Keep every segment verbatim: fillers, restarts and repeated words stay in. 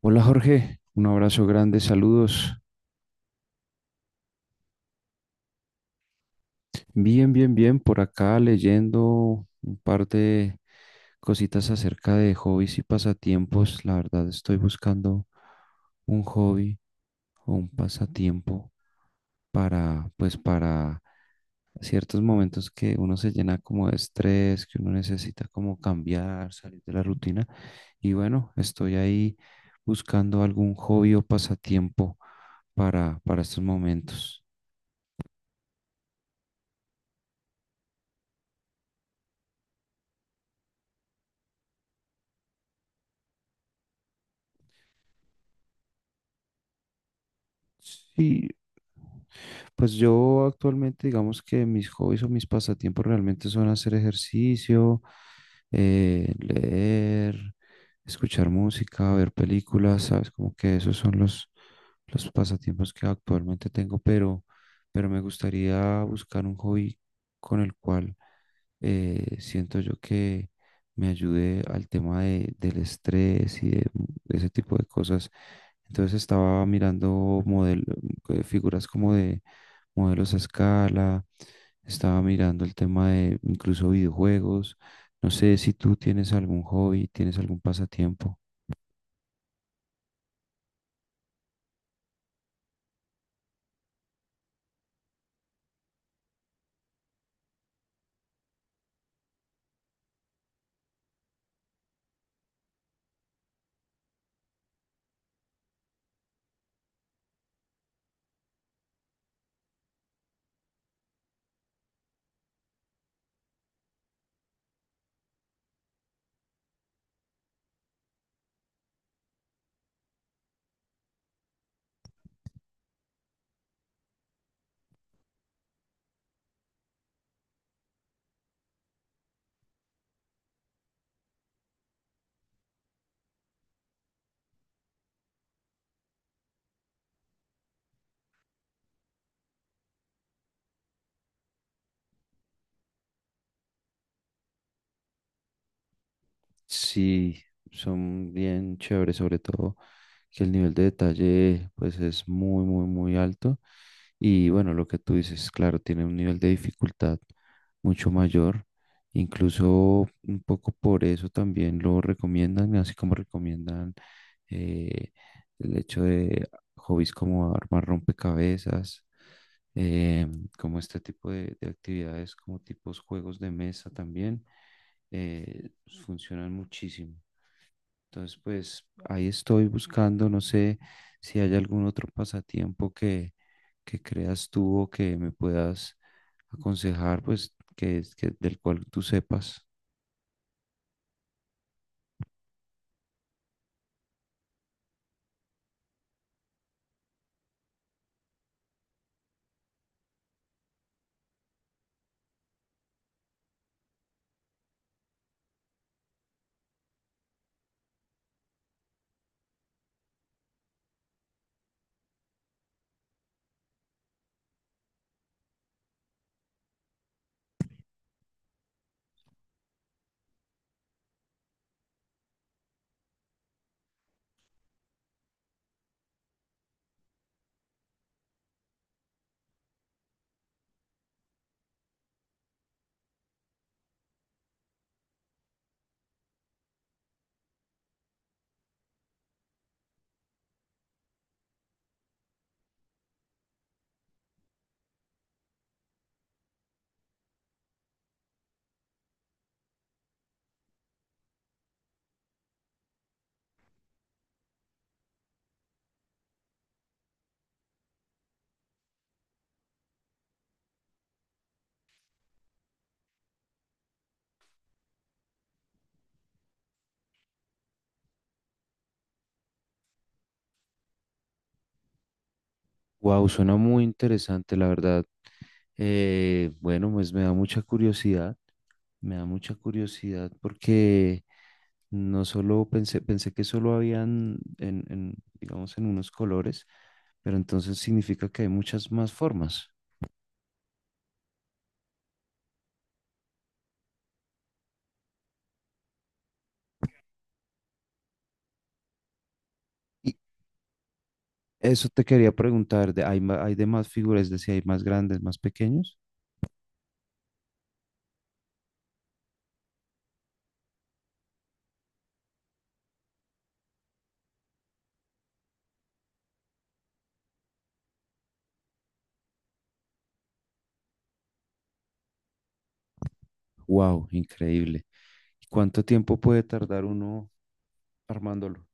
Hola Jorge, un abrazo grande, saludos. Bien, bien, bien, por acá leyendo un par de cositas acerca de hobbies y pasatiempos. La verdad estoy buscando un hobby o un pasatiempo para, pues para ciertos momentos que uno se llena como de estrés, que uno necesita como cambiar, salir de la rutina. Y bueno, estoy ahí buscando algún hobby o pasatiempo para, para estos momentos. Sí, pues yo actualmente digamos que mis hobbies o mis pasatiempos realmente son hacer ejercicio, eh, leer, escuchar música, ver películas, ¿sabes? Como que esos son los, los pasatiempos que actualmente tengo, pero, pero me gustaría buscar un hobby con el cual eh, siento yo que me ayude al tema de, del estrés y de, de ese tipo de cosas. Entonces estaba mirando model- eh, figuras como de modelos a escala, estaba mirando el tema de incluso videojuegos. No sé si tú tienes algún hobby, tienes algún pasatiempo. Sí, son bien chéveres, sobre todo que el nivel de detalle pues es muy, muy, muy alto. Y bueno, lo que tú dices, claro, tiene un nivel de dificultad mucho mayor. Incluso un poco por eso también lo recomiendan, así como recomiendan eh, el hecho de hobbies como armar rompecabezas eh, como este tipo de, de actividades, como tipos juegos de mesa también, eh, pues, funcionan muchísimo. Entonces, pues ahí estoy buscando, no sé si hay algún otro pasatiempo que, que creas tú o que me puedas aconsejar, pues que, es- que del cual tú sepas. Wow, suena muy interesante, la verdad. Eh, bueno, pues me da mucha curiosidad, me da mucha curiosidad porque no solo pensé, pensé que solo habían en, en, digamos, en unos colores, pero entonces significa que hay muchas más formas. Y eso te quería preguntar, de, ¿hay, ma- hay de más figuras?, es decir, ¿hay más grandes, más pequeños? ¡Wow! ¡Increíble! ¿Y cuánto tiempo puede tardar uno armándolo?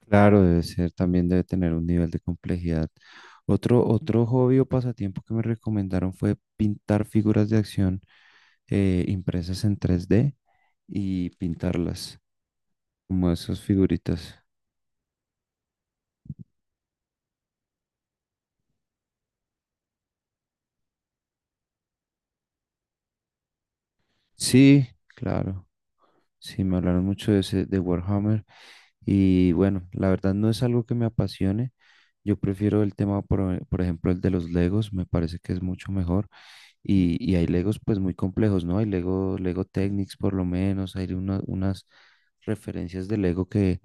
Claro, debe ser, también debe tener un nivel de complejidad. Otro, otro hobby o pasatiempo que me recomendaron fue pintar figuras de acción eh, impresas en tres D y pintarlas. Como esas figuritas. Sí, claro. Sí, me hablaron mucho de ese, de Warhammer. Y bueno, la verdad no es algo que me apasione. Yo prefiero el tema, por, por ejemplo, el de los Legos, me parece que es mucho mejor. Y, y hay Legos pues muy complejos, ¿no? Hay Lego, Lego Technics por lo menos, hay una- unas referencias de Lego que,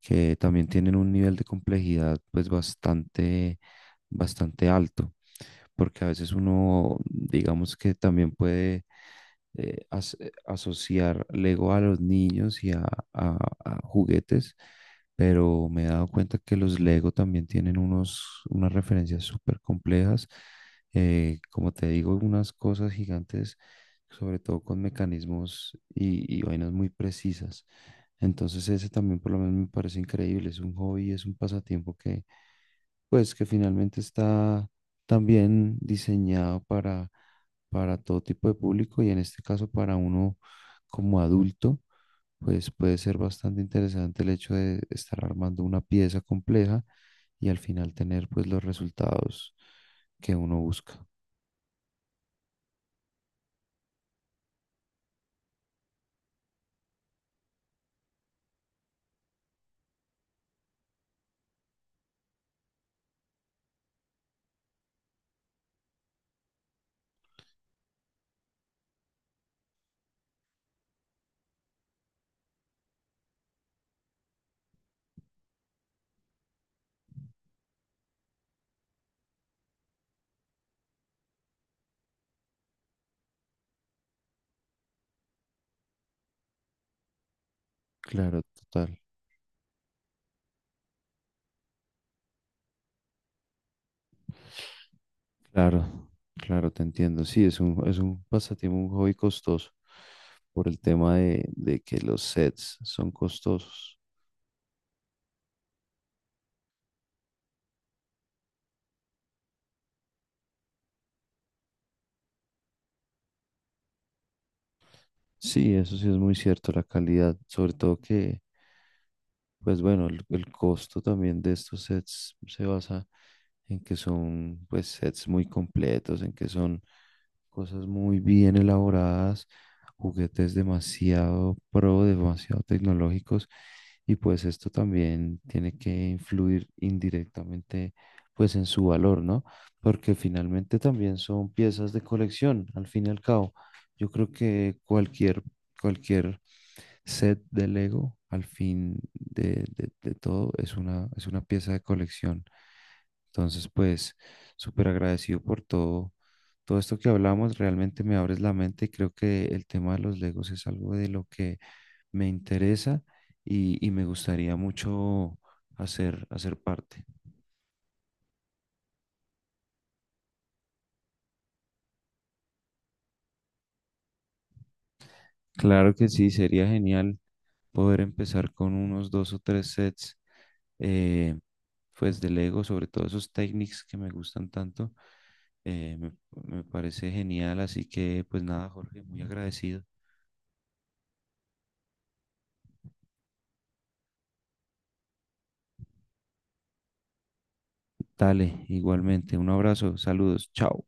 que también tienen un nivel de complejidad pues bastante, bastante alto, porque a veces uno, digamos que también puede eh, as- eh, asociar Lego a los niños y a, a- a juguetes, pero me he dado cuenta que los Lego también tienen unos, unas referencias súper complejas, eh, como te digo, unas cosas gigantes, sobre todo con mecanismos y, y vainas muy precisas. Entonces ese también por lo menos me parece increíble, es un hobby, es un pasatiempo que pues que finalmente está también diseñado para, para todo tipo de público y en este caso para uno como adulto, pues puede ser bastante interesante el hecho de estar armando una pieza compleja y al final tener pues los resultados que uno busca. Claro, total, claro, claro, te entiendo. Sí, es un, es un pasatiempo, un hobby costoso por el tema de, de que los sets son costosos. Sí, eso sí es muy cierto, la calidad, sobre todo que... Pues bueno, el, el costo también de estos sets se basa en que son pues sets muy completos, en que son cosas muy bien elaboradas, juguetes demasiado pro, demasiado tecnológicos y pues esto también tiene que influir indirectamente pues en su valor, ¿no? Porque finalmente también son piezas de colección, al fin y al cabo. Yo creo que cualquier, cualquier set de Lego al fin de, de- de todo es una, es una pieza de colección. Entonces, pues, súper agradecido por todo, todo esto que hablamos. Realmente me abres la mente y creo que el tema de los Legos es algo de lo que me interesa y, y me gustaría mucho hacer, hacer parte. Claro que sí, sería genial poder empezar con unos dos o tres sets, eh, pues de Lego, sobre todo esos technics que me gustan tanto, eh, me, me parece genial. Así que, pues nada, Jorge, muy agradecido. Dale, igualmente, un abrazo, saludos, chao.